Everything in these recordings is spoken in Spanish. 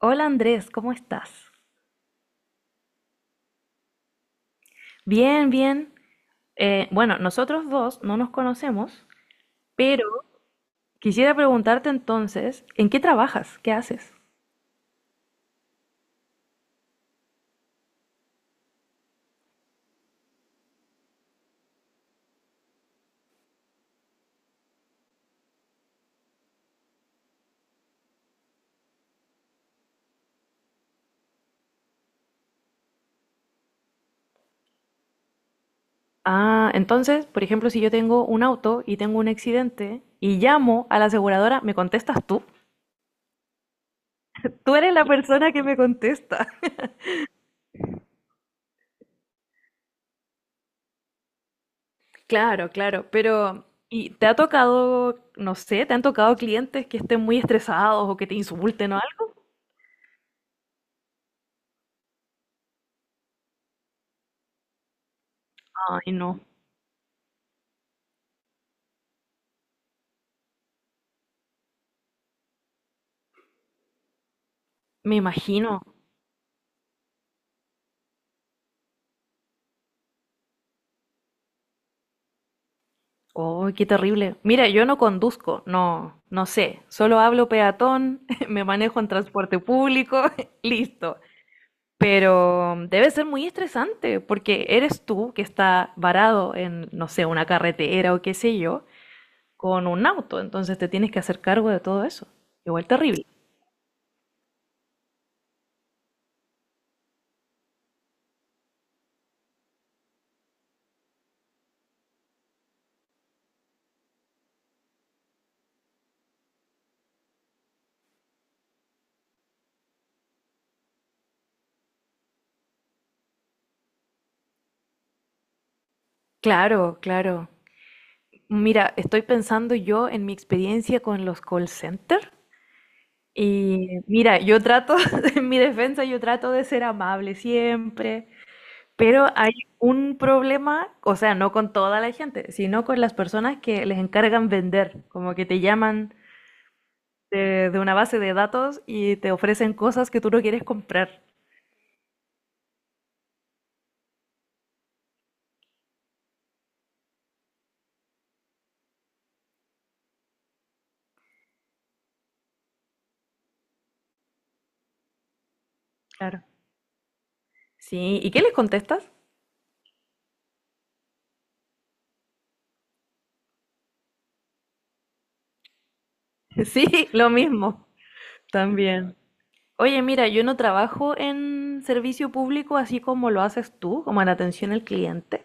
Hola Andrés, ¿cómo estás? Bien, bien. Bueno, nosotros dos no nos conocemos, pero quisiera preguntarte entonces, ¿en qué trabajas? ¿Qué haces? Ah, entonces, por ejemplo, si yo tengo un auto y tengo un accidente y llamo a la aseguradora, ¿me contestas tú? Tú eres la persona que me contesta. Claro, claro, pero ¿y te ha tocado, no sé, te han tocado clientes que estén muy estresados o que te insulten o algo? Ay, no, me imagino. Oh, qué terrible. Mira, yo no conduzco, no, no sé. Solo hablo peatón, me manejo en transporte público, listo. Pero debe ser muy estresante porque eres tú que está varado en, no sé, una carretera o qué sé yo, con un auto. Entonces te tienes que hacer cargo de todo eso. Igual terrible. Claro, claro. Mira, estoy pensando yo en mi experiencia con los call center. Y mira, yo trato, en mi defensa, yo trato de ser amable siempre. Pero hay un problema, o sea, no con toda la gente, sino con las personas que les encargan vender, como que te llaman de una base de datos y te ofrecen cosas que tú no quieres comprar. Claro. Sí, ¿y qué les contestas? Sí, lo mismo, también. Oye, mira, yo no trabajo en servicio público así como lo haces tú, como en atención al cliente,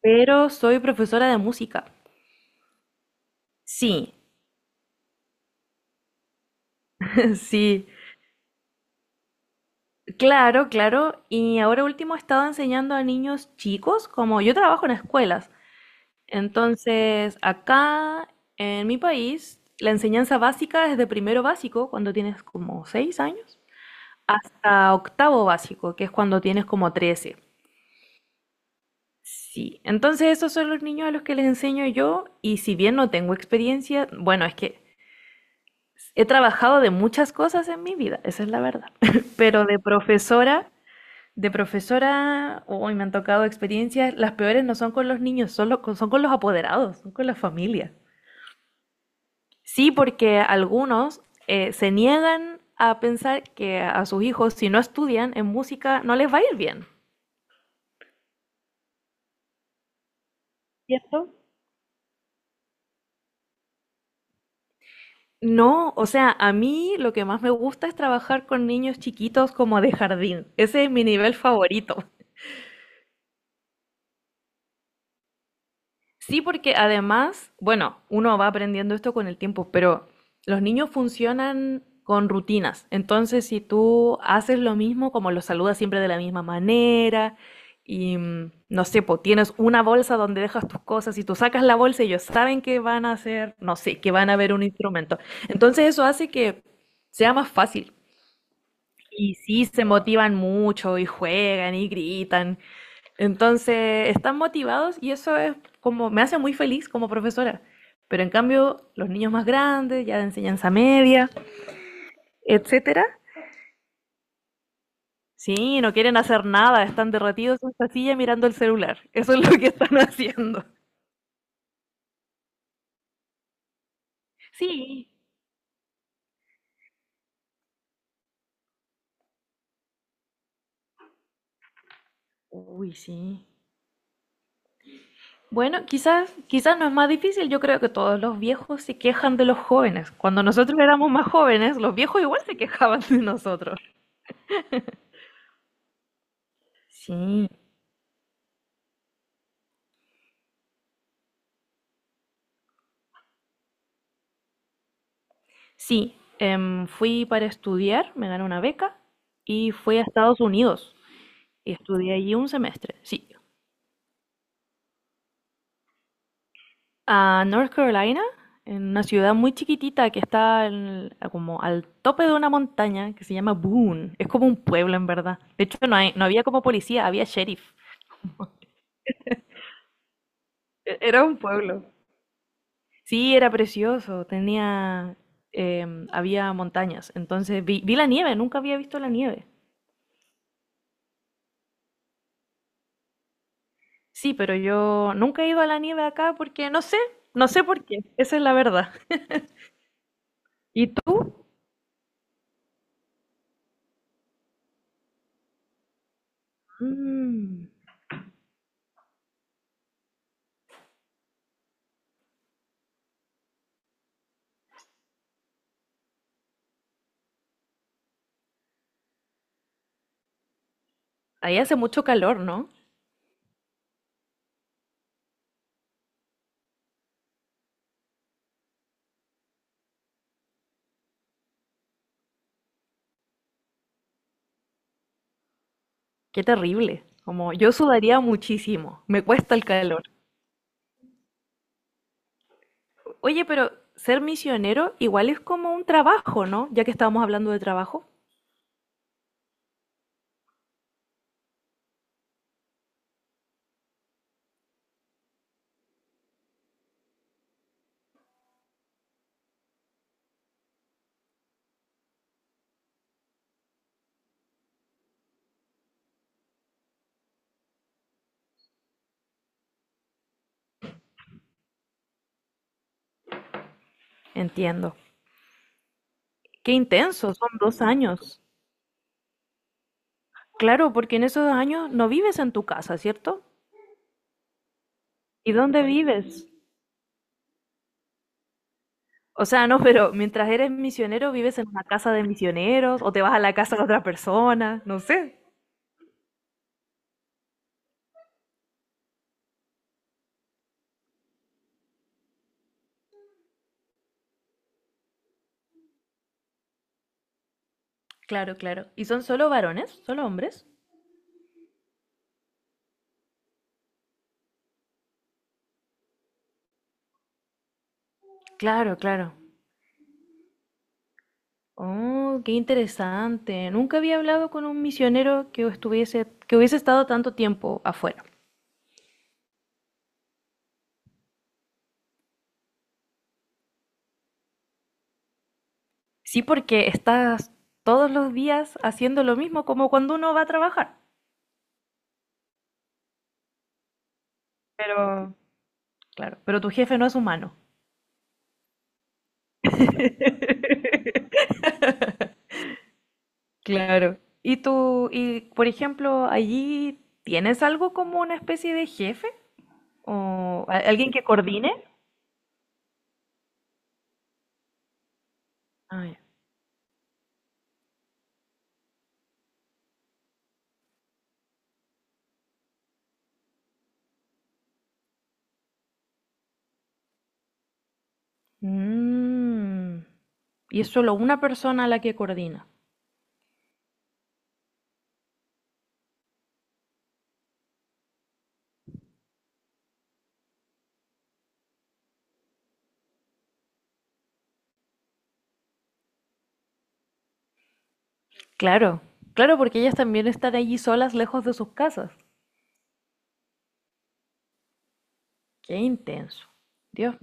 pero soy profesora de música. Sí, sí. Claro, claro. Y ahora último he estado enseñando a niños chicos, como yo trabajo en escuelas. Entonces, acá en mi país, la enseñanza básica es de primero básico, cuando tienes como 6 años, hasta octavo básico, que es cuando tienes como 13. Sí, entonces esos son los niños a los que les enseño yo, y si bien no tengo experiencia, bueno, es que he trabajado de muchas cosas en mi vida, esa es la verdad, pero de profesora. De profesora, hoy me han tocado experiencias, las peores no son con los niños, son, son con los apoderados, son con las familias. Sí, porque algunos se niegan a pensar que a sus hijos, si no estudian en música, no les va a ir bien. ¿Cierto? No, o sea, a mí lo que más me gusta es trabajar con niños chiquitos como de jardín. Ese es mi nivel favorito. Sí, porque además, bueno, uno va aprendiendo esto con el tiempo, pero los niños funcionan con rutinas. Entonces, si tú haces lo mismo, como los saludas siempre de la misma manera, y no sé, pues tienes una bolsa donde dejas tus cosas y tú sacas la bolsa y ellos saben que van a hacer, no sé, que van a ver un instrumento. Entonces, eso hace que sea más fácil. Y sí, se motivan mucho y juegan y gritan. Entonces, están motivados y eso es como, me hace muy feliz como profesora. Pero en cambio, los niños más grandes, ya de enseñanza media, etcétera, sí, no quieren hacer nada, están derretidos en esta silla mirando el celular. Eso es lo que están haciendo. Sí. Uy, sí. Bueno, quizás, quizás no es más difícil. Yo creo que todos los viejos se quejan de los jóvenes. Cuando nosotros éramos más jóvenes, los viejos igual se quejaban de nosotros. Sí. Sí, fui para estudiar, me gané una beca y fui a Estados Unidos y estudié allí un semestre, sí. A North Carolina, en una ciudad muy chiquitita que está como al tope de una montaña que se llama Boone. Es como un pueblo en verdad. De hecho, no había como policía, había sheriff. Era un pueblo. Sí, era precioso, tenía, había montañas, entonces vi la nieve, nunca había visto la nieve. Sí, pero yo nunca he ido a la nieve acá porque no sé, no sé por qué, esa es la verdad. ¿Y tú? Mm, ahí hace mucho calor, ¿no? Qué terrible. Como yo sudaría muchísimo, me cuesta el calor. Oye, pero ser misionero igual es como un trabajo, ¿no? Ya que estábamos hablando de trabajo. Entiendo. Qué intenso, son 2 años. Claro, porque en esos años no vives en tu casa, ¿cierto? ¿Y dónde vives? O sea, no, pero mientras eres misionero, vives en una casa de misioneros o te vas a la casa de otra persona, no sé. Claro, claro. ¿Y son solo varones? ¿Solo hombres? Claro, claro. Oh, qué interesante. Nunca había hablado con un misionero que estuviese, que hubiese estado tanto tiempo afuera. Sí, porque estás todos los días haciendo lo mismo como cuando uno va a trabajar. Pero, claro, pero tu jefe no es humano. Claro. ¿Y tú, y por ejemplo, allí tienes algo como una especie de jefe o alguien que coordine? Ah, ya. Mm. Y es solo una persona la que coordina. Claro, claro, porque ellas también están allí solas, lejos de sus casas. Qué intenso. Dios.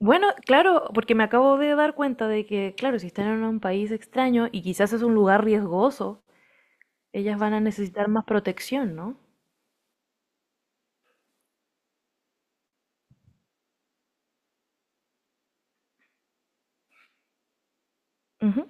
Bueno, claro, porque me acabo de dar cuenta de que, claro, si están en un país extraño y quizás es un lugar riesgoso, ellas van a necesitar más protección, ¿no? Ujú.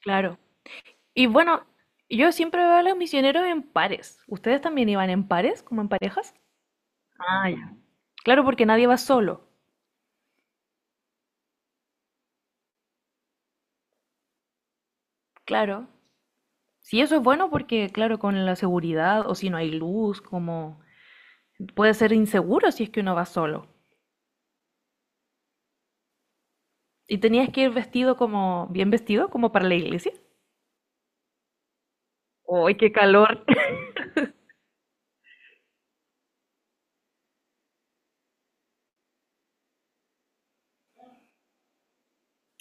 Claro. Y bueno, yo siempre veo a los misioneros en pares. ¿Ustedes también iban en pares, como en parejas? Ah, ya. Claro, porque nadie va solo. Claro. Sí, eso es bueno porque, claro, con la seguridad o si no hay luz, como puede ser inseguro si es que uno va solo. Y tenías que ir vestido como, bien vestido, como para la iglesia. ¡Uy, qué calor!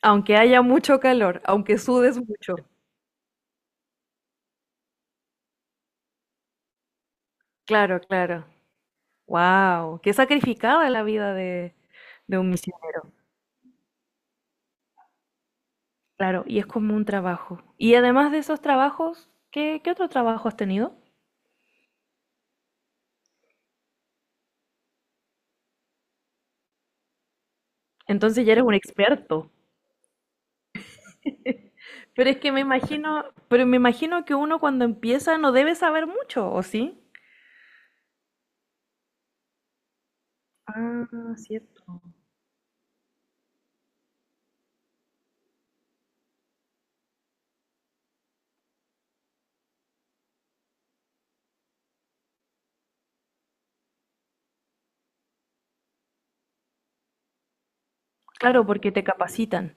Aunque haya mucho calor, aunque sudes mucho. Claro, claro. Wow, qué sacrificada la vida de un misionero. Claro, y es como un trabajo. Y además de esos trabajos, ¿qué, qué otro trabajo has tenido? Entonces ya eres un experto. Pero es que me imagino, pero me imagino que uno cuando empieza no debe saber mucho, ¿o sí? Ah, cierto. Claro, porque te capacitan.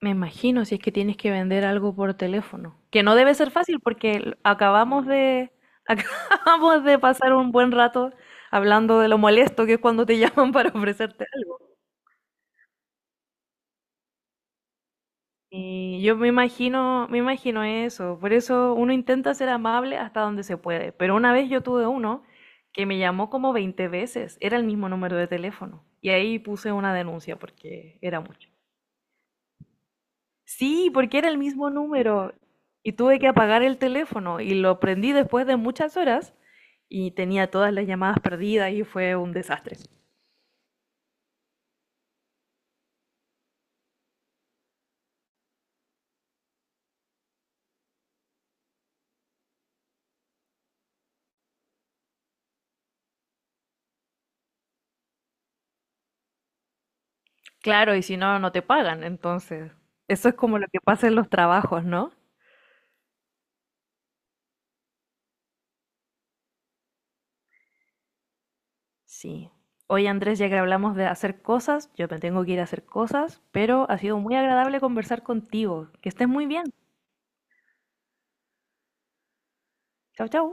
Me imagino si es que tienes que vender algo por teléfono, que no debe ser fácil porque acabamos de acabamos de pasar un buen rato hablando de lo molesto que es cuando te llaman para ofrecerte algo. Y yo me imagino eso. Por eso uno intenta ser amable hasta donde se puede. Pero una vez yo tuve uno que me llamó como 20 veces. Era el mismo número de teléfono. Y ahí puse una denuncia porque era mucho. Sí, porque era el mismo número. Y tuve que apagar el teléfono. Y lo prendí después de muchas horas. Y tenía todas las llamadas perdidas y fue un desastre. Claro, y si no, no te pagan. Entonces, eso es como lo que pasa en los trabajos, ¿no? Sí. Hoy Andrés, ya que hablamos de hacer cosas, yo me tengo que ir a hacer cosas, pero ha sido muy agradable conversar contigo. Que estés muy bien. Chau, chau.